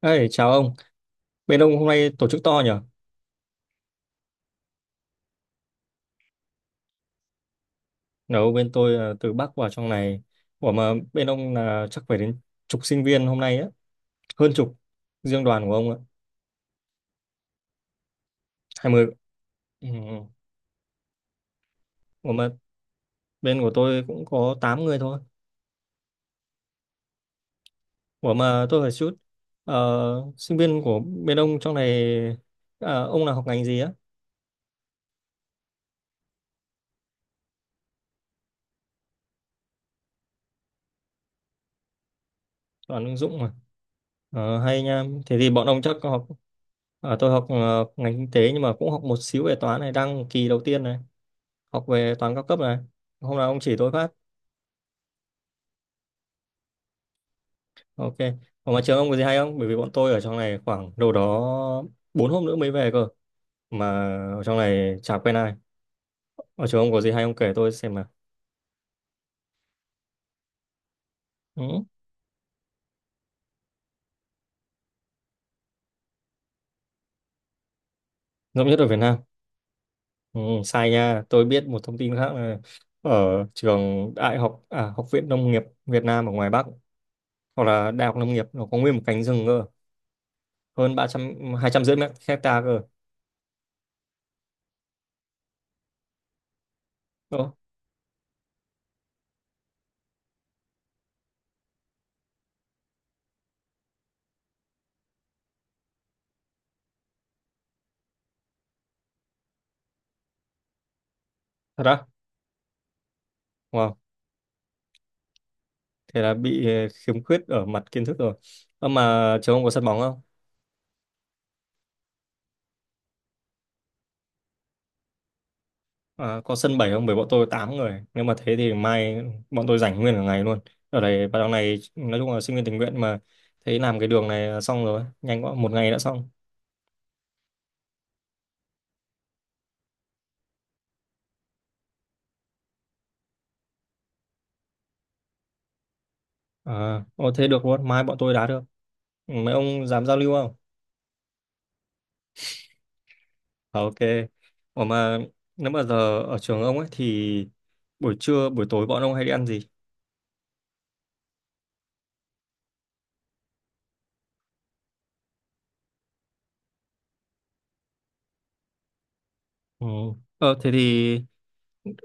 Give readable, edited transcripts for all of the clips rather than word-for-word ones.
Ê, chào ông. Bên ông hôm nay tổ chức to nhỉ? Nếu bên tôi là từ Bắc vào trong này. Ủa mà bên ông là chắc phải đến chục sinh viên hôm nay á. Hơn chục. Riêng đoàn của ông ạ. 20. Ừ. ừ. Ủa mà bên của tôi cũng có 8 người thôi. Ủa mà tôi hỏi chút. Sinh viên của bên ông trong này... ông là học ngành gì á? Đoàn ứng dụng mà. Ờ, hay nha. Thế thì bọn ông chắc có học... Tôi học ngành kinh tế nhưng mà cũng học một xíu về toán này. Đang kỳ đầu tiên này. Học về toán cao cấp này, hôm nào ông chỉ tôi phát. Ok, còn mà trường ông có gì hay không? Bởi vì bọn tôi ở trong này khoảng đâu đó bốn hôm nữa mới về cơ, mà ở trong này chả quen ai. Ở trường ông có gì hay ông kể tôi xem nào. Ừ. Ngẫm nhất ở Việt Nam. Ừ, sai nha, tôi biết một thông tin khác là ở trường đại học à, học viện nông nghiệp Việt Nam ở ngoài Bắc, hoặc là đại học nông nghiệp, nó có nguyên một cánh rừng cơ. Hơn ba trăm, hai trăm rưỡi mét hecta cơ. Ồ, thật á. Wow. Thế là bị khiếm khuyết ở mặt kiến thức rồi. Ơ mà trường ông có sân bóng không? À, có sân bảy không? Bởi bọn tôi 8 người, nếu mà thế thì mai bọn tôi rảnh nguyên cả ngày luôn. Ở đây vào đằng này nói chung là sinh viên tình nguyện mà, thấy làm cái đường này là xong rồi, nhanh quá, một ngày đã xong. À, ô, thế được luôn, mai bọn tôi đá được. Ừ, mấy ông dám giao lưu không? Ờ, ok. Ủa mà nếu mà giờ ở trường ông ấy thì buổi trưa buổi tối bọn ông hay đi ăn gì? Ừ. Thế thì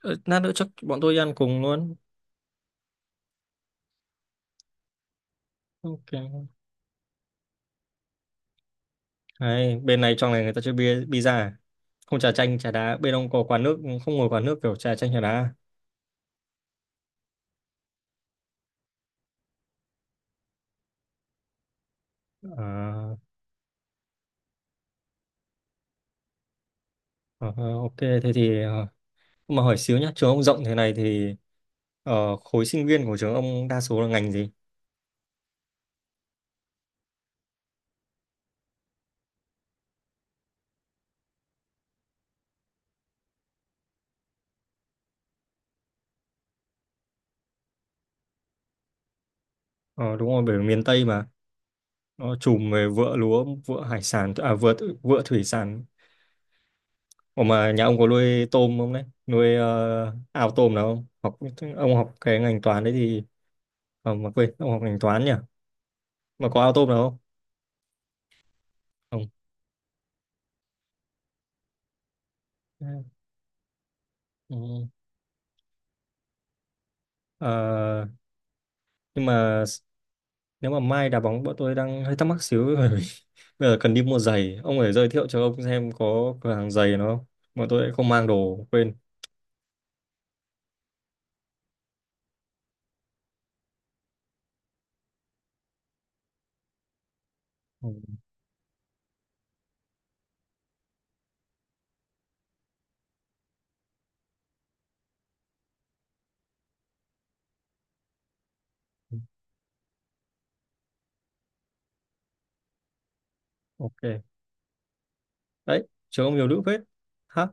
lát nữa chắc bọn tôi đi ăn cùng luôn. Ok. Đấy, bên này trong này người ta chơi bia pizza à? Không trà chanh trà đá, bên ông có quán nước không? Ngồi quán nước kiểu trà chanh trà đá à? À, ờ, ok, thế thì mà hỏi xíu nhá, trường ông rộng thế này thì khối sinh viên của trường ông đa số là ngành gì? Ờ, đúng rồi, bởi vì miền Tây mà, nó trùm về vựa lúa, vựa hải sản, à, vựa, vựa thủy sản. Ủa mà nhà ông có nuôi tôm không đấy, nuôi ao tôm nào không học? Ông học cái ngành toán đấy thì mà quên, ông học ngành toán nhỉ, mà có ao tôm nào không? Không. Ừ. Ờ, nhưng mà nếu mà mai đá bóng bọn tôi đang hơi thắc mắc xíu bởi vì bây giờ cần đi mua giày, ông phải giới thiệu cho ông xem có cửa hàng giày nó không, bọn tôi lại không mang đồ, quên. Ừ. Ok. Đấy trường ông nhiều nữ phết. Hả?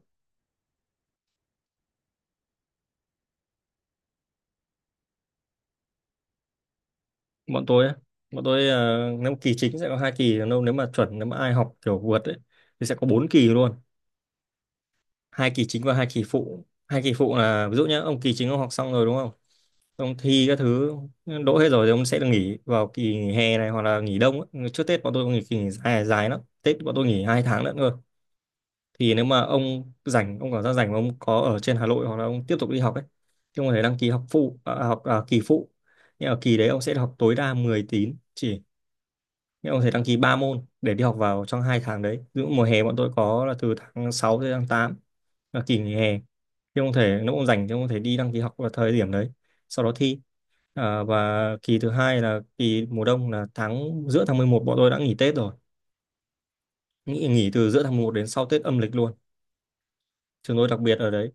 Bọn tôi á, bọn tôi nếu kỳ chính sẽ có hai kỳ, còn nếu mà chuẩn, nếu mà ai học kiểu vượt ấy thì sẽ có bốn kỳ luôn. Hai kỳ chính và hai kỳ phụ. Hai kỳ phụ là ví dụ nhé, ông kỳ chính ông học xong rồi đúng không, ông thi các thứ đỗ hết rồi thì ông sẽ được nghỉ vào kỳ nghỉ hè này hoặc là nghỉ đông ấy. Trước Tết bọn tôi nghỉ kỳ nghỉ dài, dài lắm, Tết bọn tôi nghỉ 2 tháng nữa cơ. Thì nếu mà ông rảnh, ông cảm giác rảnh mà ông có ở trên Hà Nội hoặc là ông tiếp tục đi học ấy, thì ông có thể đăng ký học phụ, học kỳ phụ. Nhưng ở kỳ đấy ông sẽ học tối đa 10 tín chỉ, nhưng ông có thể đăng ký 3 môn để đi học vào trong hai tháng đấy. Ví dụ mùa hè bọn tôi có là từ tháng 6 tới tháng 8 là kỳ nghỉ hè, thì không thể, nó cũng dành, chứ không thể đi đăng ký học vào thời điểm đấy, sau đó thi. À, và kỳ thứ hai là kỳ mùa đông là tháng, giữa tháng 11 bọn tôi đã nghỉ Tết rồi, nghỉ từ giữa tháng 11 đến sau Tết âm lịch luôn. Trường tôi đặc biệt ở đấy.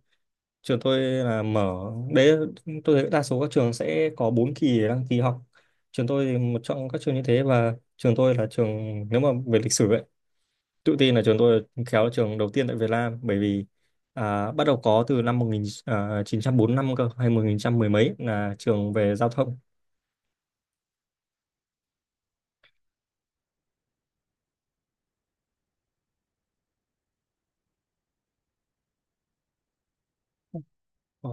Trường tôi là mở. Đấy, tôi thấy đa số các trường sẽ có 4 kỳ để đăng ký học, trường tôi thì một trong các trường như thế. Và trường tôi là trường, nếu mà về lịch sử ấy, tự tin là trường tôi khéo là trường đầu tiên tại Việt Nam, bởi vì bắt đầu có từ năm 1945 cơ, hay 1900 mười mấy, là trường về giao thông. Ờ,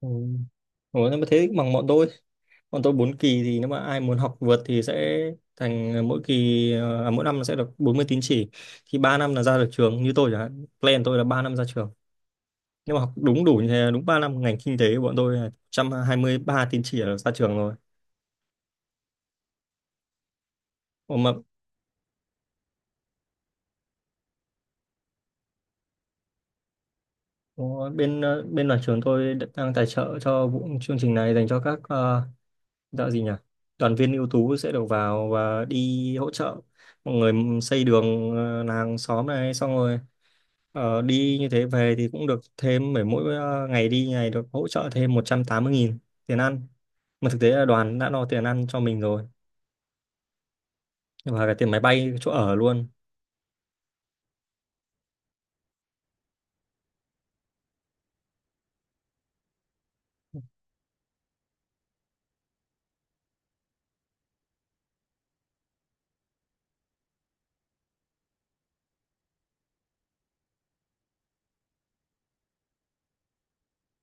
ừ. Ủa, nhưng mà thế bằng bọn tôi, bọn tôi 4 kỳ thì nếu mà ai muốn học vượt thì sẽ thành mỗi kỳ mỗi năm sẽ được 40 tín chỉ, thì 3 năm là ra được trường, như tôi chẳng hạn, plan tôi là 3 năm ra trường. Nếu mà học đúng đủ như thế, đúng 3 năm, ngành kinh tế của bọn tôi là 123 tín chỉ là ra trường rồi. Ủa mà. Đúng rồi. Bên nhà trường tôi đang tài trợ cho vụ chương trình này dành cho các gọi gì nhỉ? Đoàn viên ưu tú sẽ được vào và đi hỗ trợ mọi người xây đường làng xóm này, xong rồi đi như thế về thì cũng được thêm mỗi mỗi ờ, ngày đi này được hỗ trợ thêm 180.000 tiền ăn. Mà thực tế là đoàn đã lo tiền ăn cho mình rồi, và cả tiền máy bay chỗ ở luôn.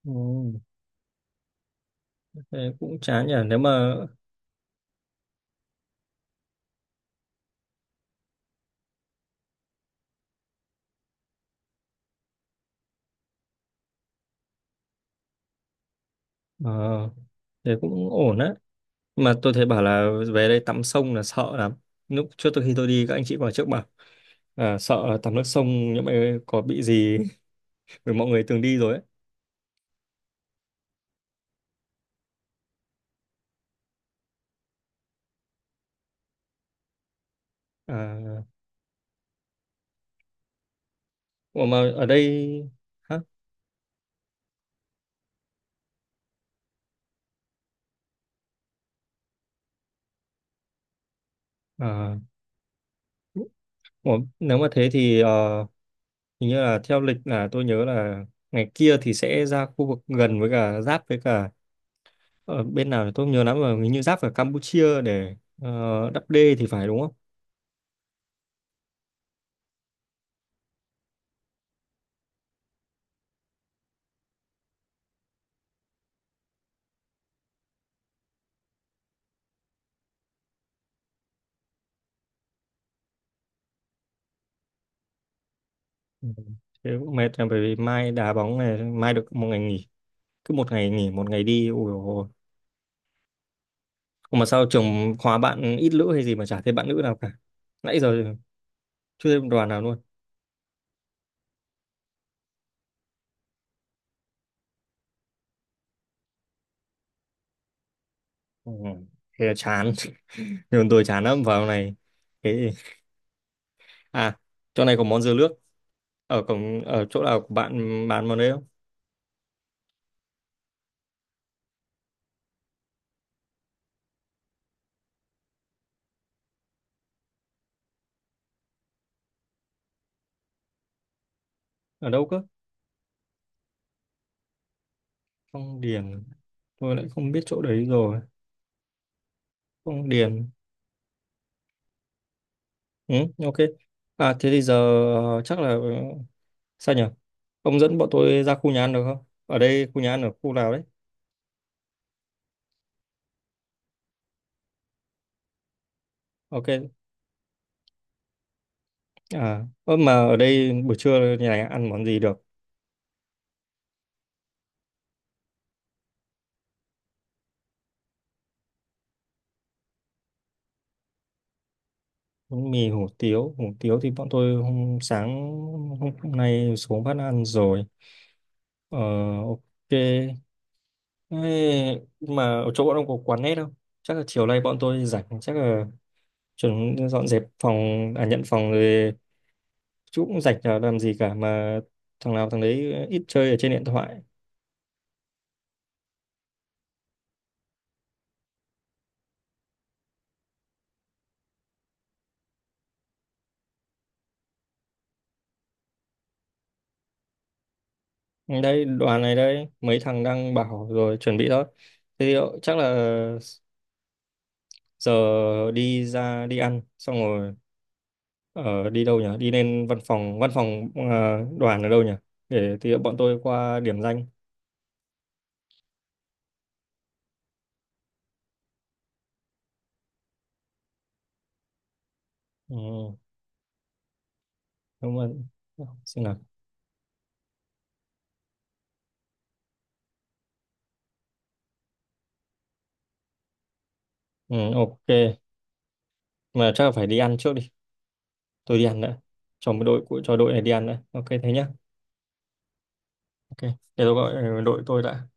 Ừ. Thế cũng chán nhỉ, nếu mà ờ, thế cũng ổn đấy. Mà tôi thấy bảo là về đây tắm sông là sợ lắm. Lúc trước tôi, khi tôi đi, các anh chị vào trước bảo à, sợ là tắm nước sông, những mày có bị gì. Bởi mọi người từng đi rồi ấy. À, ủa mà ở đây. Hả? À, ủa, nếu mà thế thì hình như là theo lịch là tôi nhớ là ngày kia thì sẽ ra khu vực gần với cả giáp với cả, ở bên nào thì tôi không nhớ lắm, mà hình như giáp ở Campuchia để đắp đê thì phải, đúng không? Ừ. Thế cũng mệt, là bởi vì mai đá bóng này, mai được một ngày nghỉ, cứ một ngày nghỉ một ngày đi, ôi dồi ôi. Mà sao trường khóa bạn ít nữ hay gì mà chả thấy bạn nữ nào cả, nãy giờ chưa thấy một đoàn nào luôn. Ừ. Thế là chán. Nhưng tôi chán lắm vào này. Thế à, chỗ này có món dưa nước ở cổng, ở chỗ nào của bạn bán món đấy không? Ở đâu cơ? Phong Điền. Tôi lại không biết chỗ đấy rồi. Phong Điền. Ừ, ok. À thế thì giờ ờ, chắc là ờ, sao nhỉ, ông dẫn bọn tôi ra khu nhà ăn được không, ở đây khu nhà ăn ở khu nào đấy? Ok. À, ơ mà ở đây buổi trưa nhà này ăn món gì được? Bánh Mì hủ tiếu thì bọn tôi hôm sáng hôm nay xuống phát ăn rồi. Ờ, ok. Ê, mà ở chỗ bọn ông có quán nét không? Chắc là chiều nay bọn tôi rảnh, chắc là chuẩn dọn dẹp phòng, à nhận phòng rồi, chú cũng rảnh chả làm gì cả mà, thằng nào thằng đấy ít chơi ở trên điện thoại. Đây, đoàn này đây, mấy thằng đang bảo rồi chuẩn bị đó. Thế thì chắc là giờ đi ra đi ăn xong rồi ở đi đâu nhỉ, đi lên văn phòng, văn phòng đoàn ở đâu nhỉ, để thì bọn tôi qua điểm danh. Ừ, đúng rồi. Xin nào. Ừ, ok, mà chắc là phải đi ăn trước đi. Tôi đi ăn đã, cho đội này đi ăn đã, ok thế nhá. Ok. Để tôi gọi đội tôi đã.